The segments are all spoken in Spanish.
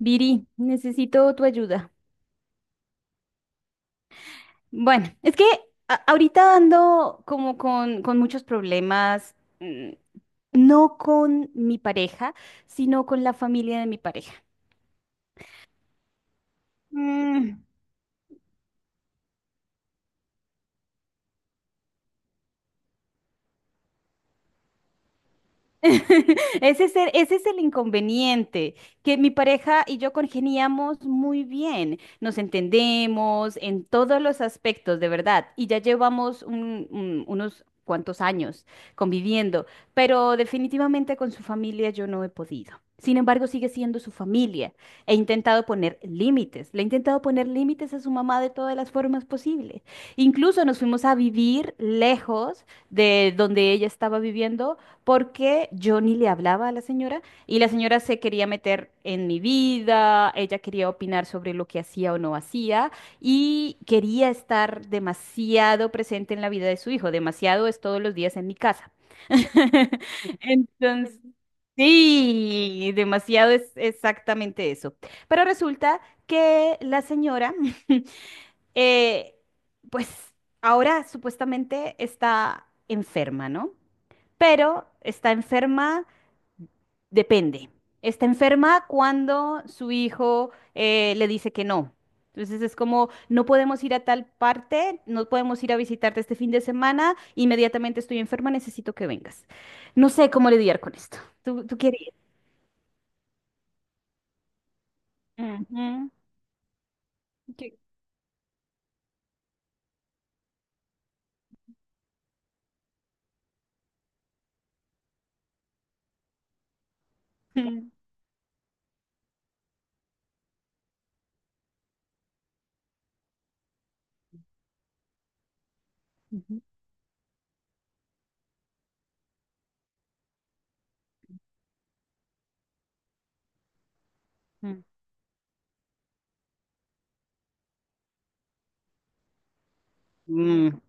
Viri, necesito tu ayuda. Bueno, es que ahorita ando como con muchos problemas, mm, no con mi pareja, sino con la familia de mi pareja. Ese es el inconveniente, que mi pareja y yo congeniamos muy bien, nos entendemos en todos los aspectos, de verdad, y ya llevamos unos cuantos años conviviendo, pero definitivamente con su familia yo no he podido. Sin embargo, sigue siendo su familia. He intentado poner límites, le he intentado poner límites a su mamá de todas las formas posibles. Incluso nos fuimos a vivir lejos de donde ella estaba viviendo porque yo ni le hablaba a la señora, y la señora se quería meter en mi vida, ella quería opinar sobre lo que hacía o no hacía y quería estar demasiado presente en la vida de su hijo, demasiado es todos los días en mi casa. Entonces, sí, demasiado es exactamente eso. Pero resulta que la señora, eh, pues ahora supuestamente está enferma, ¿no? Pero está enferma, depende. Está enferma cuando su hijo le dice que no. Entonces es como, no podemos ir a tal parte, no podemos ir a visitarte este fin de semana, inmediatamente estoy enferma, necesito que vengas. No sé cómo lidiar con esto. ¿Tú quieres? Ujú. ¿Qué- Mm, ujú, mm, mm,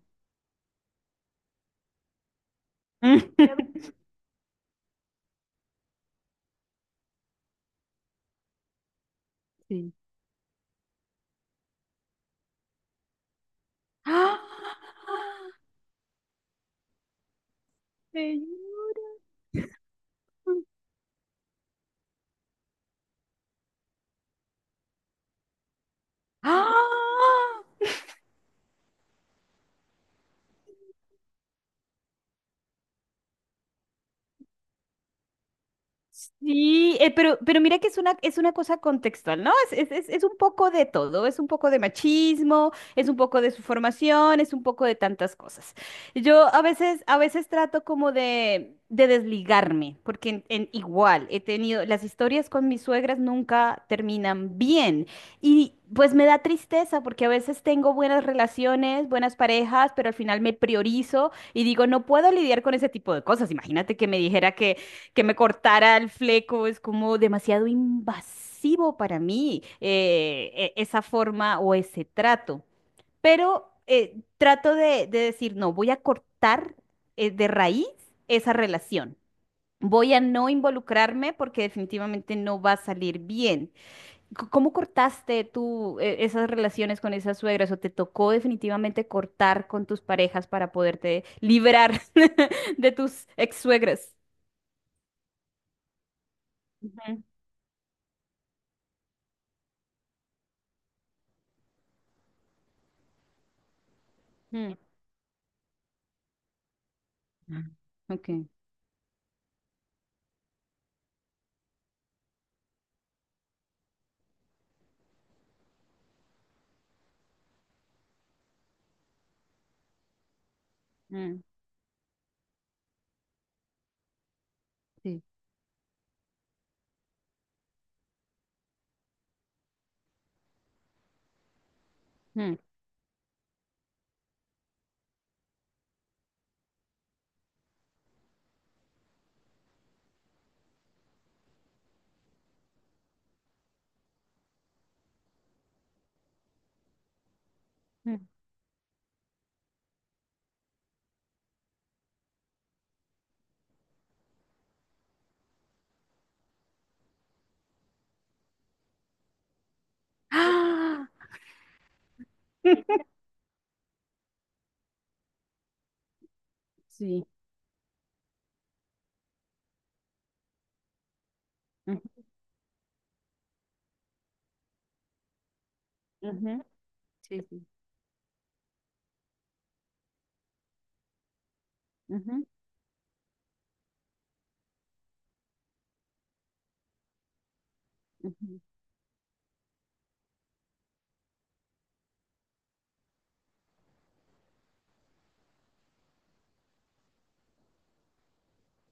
Sí. ¡Ah! Te lloro. ¡Ah! Sí, pero mira que es una cosa contextual, ¿no? Es un poco de todo, es un poco de machismo, es un poco de su formación, es un poco de tantas cosas. Yo a veces trato como de desligarme, porque en igual he tenido, las historias con mis suegras nunca terminan bien. Y pues me da tristeza porque a veces tengo buenas relaciones, buenas parejas, pero al final me priorizo y digo, no puedo lidiar con ese tipo de cosas. Imagínate que me dijera que me cortara el fleco es como demasiado invasivo para mí, esa forma o ese trato. Pero trato de decir, no, voy a cortar de raíz esa relación. Voy a no involucrarme porque definitivamente no va a salir bien. ¿Cómo cortaste tú esas relaciones con esas suegras o te tocó definitivamente cortar con tus parejas para poderte librar de tus ex suegras? Ujú. Ah, ok. Mm, sí. Mm, mm. ¡Ah! Sí. Ujú, ujú, sí, sí. Ujú, ujú.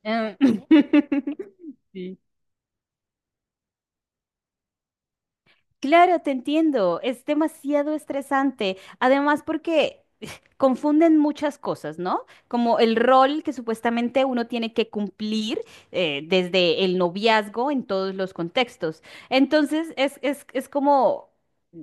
Ah, Sí. Claro, te entiendo, es demasiado estresante. Además, porque confunden muchas cosas, ¿no? Como el rol que supuestamente uno tiene que cumplir desde el noviazgo en todos los contextos. Entonces, es como,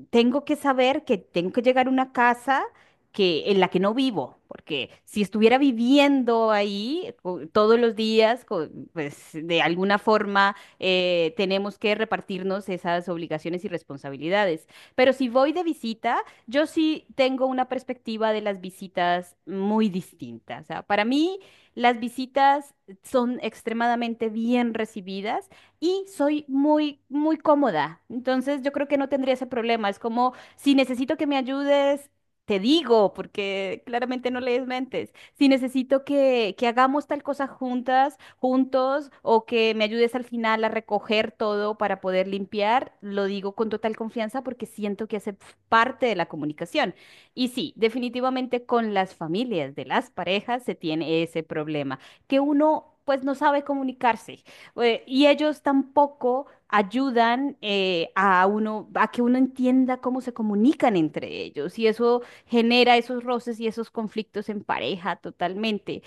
tengo que saber que tengo que llegar a una casa que, en la que no vivo, porque si estuviera viviendo ahí todos los días, pues de alguna forma tenemos que repartirnos esas obligaciones y responsabilidades. Pero si voy de visita, yo sí tengo una perspectiva de las visitas muy distinta. O sea, para mí las visitas son extremadamente bien recibidas y soy muy cómoda. Entonces yo creo que no tendría ese problema. Es como, si necesito que me ayudes, te digo, porque claramente no lees mentes. Si necesito que hagamos tal cosa juntas, juntos o que me ayudes al final a recoger todo para poder limpiar, lo digo con total confianza porque siento que hace parte de la comunicación. Y sí, definitivamente con las familias de las parejas se tiene ese problema, que uno pues no sabe comunicarse y ellos tampoco ayudan a uno, a que uno entienda cómo se comunican entre ellos y eso genera esos roces y esos conflictos en pareja totalmente.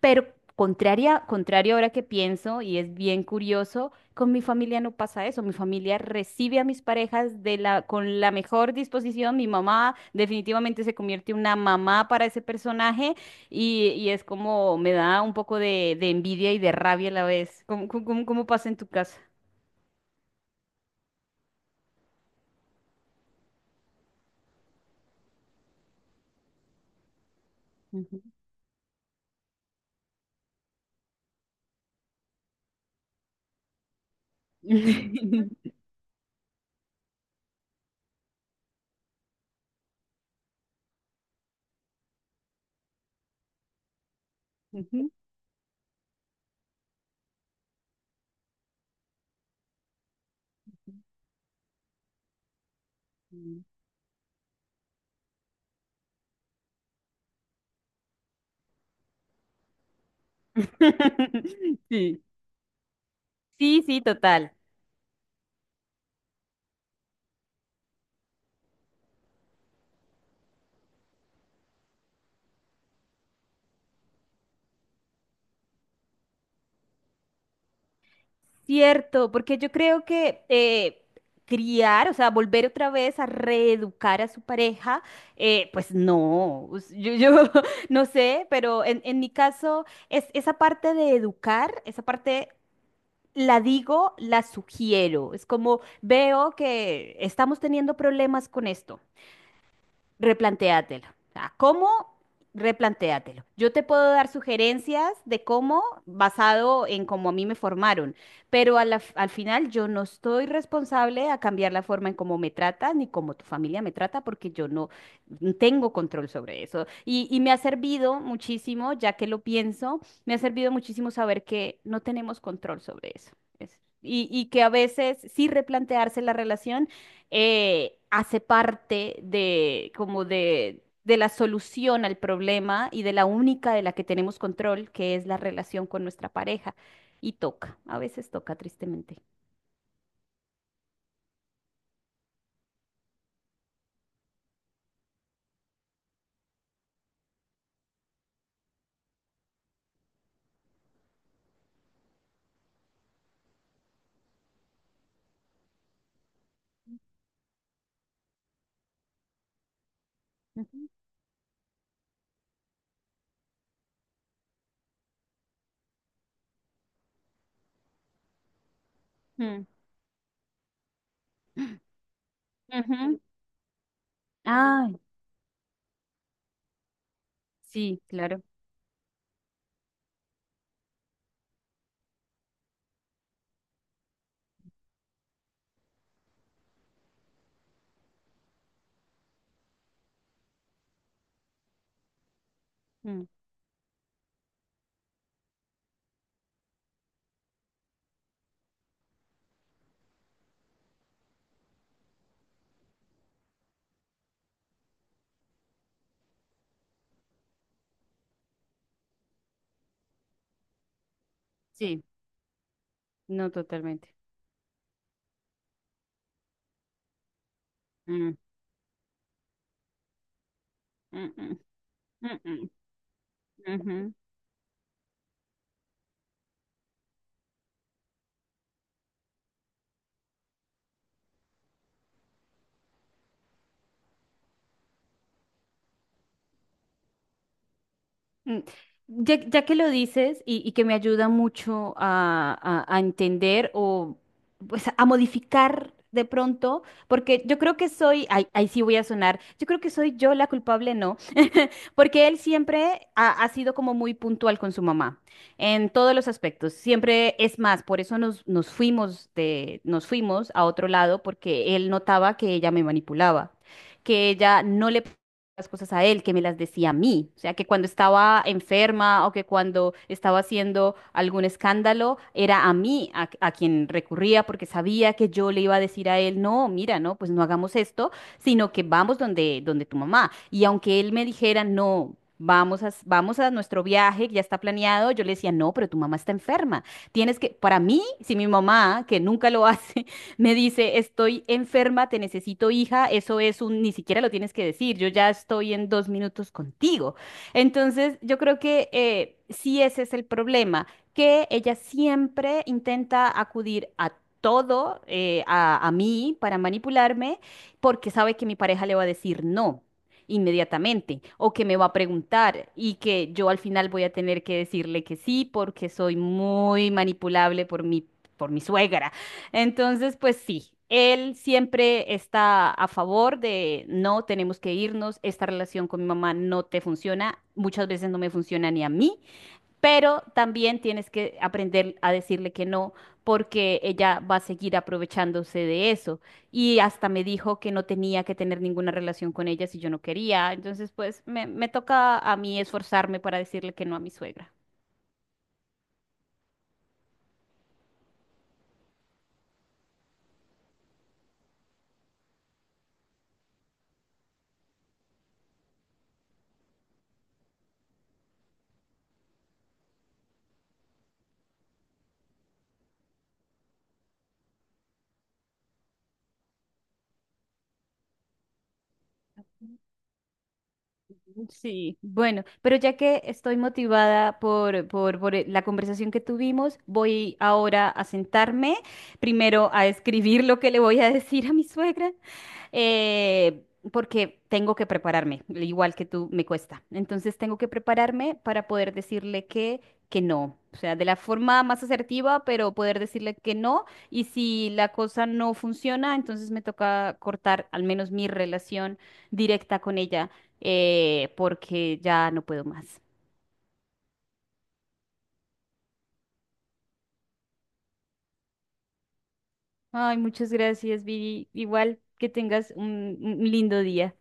Pero contrario ahora que pienso, y es bien curioso, con mi familia no pasa eso. Mi familia recibe a mis parejas de la, con la mejor disposición. Mi mamá definitivamente se convierte en una mamá para ese personaje y es como me da un poco de envidia y de rabia a la vez. ¿Cómo pasa en tu casa? Ujú. Ujú. Sí, sí, sí, total. Cierto, porque yo creo que criar, o sea, volver otra vez a reeducar a su pareja, pues no, yo no sé, pero en mi caso es esa parte de educar, esa parte la digo, la sugiero, es como veo que estamos teniendo problemas con esto, replantéatelo. O sea, ¿cómo? Replantéatelo. Yo te puedo dar sugerencias de cómo, basado en cómo a mí me formaron, pero al final yo no estoy responsable a cambiar la forma en cómo me tratan ni cómo tu familia me trata porque yo no tengo control sobre eso. Y me ha servido muchísimo, ya que lo pienso, me ha servido muchísimo saber que no tenemos control sobre eso. Y que a veces sí replantearse la relación hace parte de como de la solución al problema y de la única de la que tenemos control, que es la relación con nuestra pareja. Y toca, a veces toca tristemente. Ujú. Mm. Ujú. Ay, sí, claro. Mm. Sí, no totalmente. Mm, mm, mm, mm, mm, ujú. Mm, ya, ya que lo dices y que me ayuda mucho a, a entender o pues a modificar de pronto, porque yo creo que soy, ay, ahí sí voy a sonar, yo creo que soy yo la culpable, ¿no? Porque él siempre ha sido como muy puntual con su mamá en todos los aspectos. Siempre es más, por eso nos fuimos nos fuimos a otro lado porque él notaba que ella me manipulaba, que ella no las cosas a él, que me las decía a mí. O sea, que cuando estaba enferma o que cuando estaba haciendo algún escándalo, era a mí a quien recurría porque sabía que yo le iba a decir a él, no, mira, no, pues no hagamos esto sino que vamos donde, donde tu mamá. Y aunque él me dijera, no. Vamos a, vamos a nuestro viaje, que ya está planeado. Yo le decía, no, pero tu mamá está enferma. Tienes que, para mí, si mi mamá, que nunca lo hace, me dice, estoy enferma, te necesito hija, eso es un, ni siquiera lo tienes que decir, yo ya estoy en 2 minutos contigo. Entonces, yo creo que sí ese es el problema, que ella siempre intenta acudir a todo, a mí para manipularme porque sabe que mi pareja le va a decir no inmediatamente o que me va a preguntar y que yo al final voy a tener que decirle que sí porque soy muy manipulable por mi suegra. Entonces, pues sí. Él siempre está a favor de no tenemos que irnos, esta relación con mi mamá no te funciona, muchas veces no me funciona ni a mí, pero también tienes que aprender a decirle que no, porque ella va a seguir aprovechándose de eso. Y hasta me dijo que no tenía que tener ninguna relación con ella si yo no quería. Entonces, pues me toca a mí esforzarme para decirle que no a mi suegra. Sí, bueno, pero ya que estoy motivada por la conversación que tuvimos, voy ahora a sentarme, primero a escribir lo que le voy a decir a mi suegra, eh, porque tengo que prepararme, igual que tú me cuesta. Entonces tengo que prepararme para poder decirle que no, o sea, de la forma más asertiva, pero poder decirle que no, y si la cosa no funciona, entonces me toca cortar al menos mi relación directa con ella porque ya no puedo más. Ay, muchas gracias, Viri. Igual que tengas un lindo día.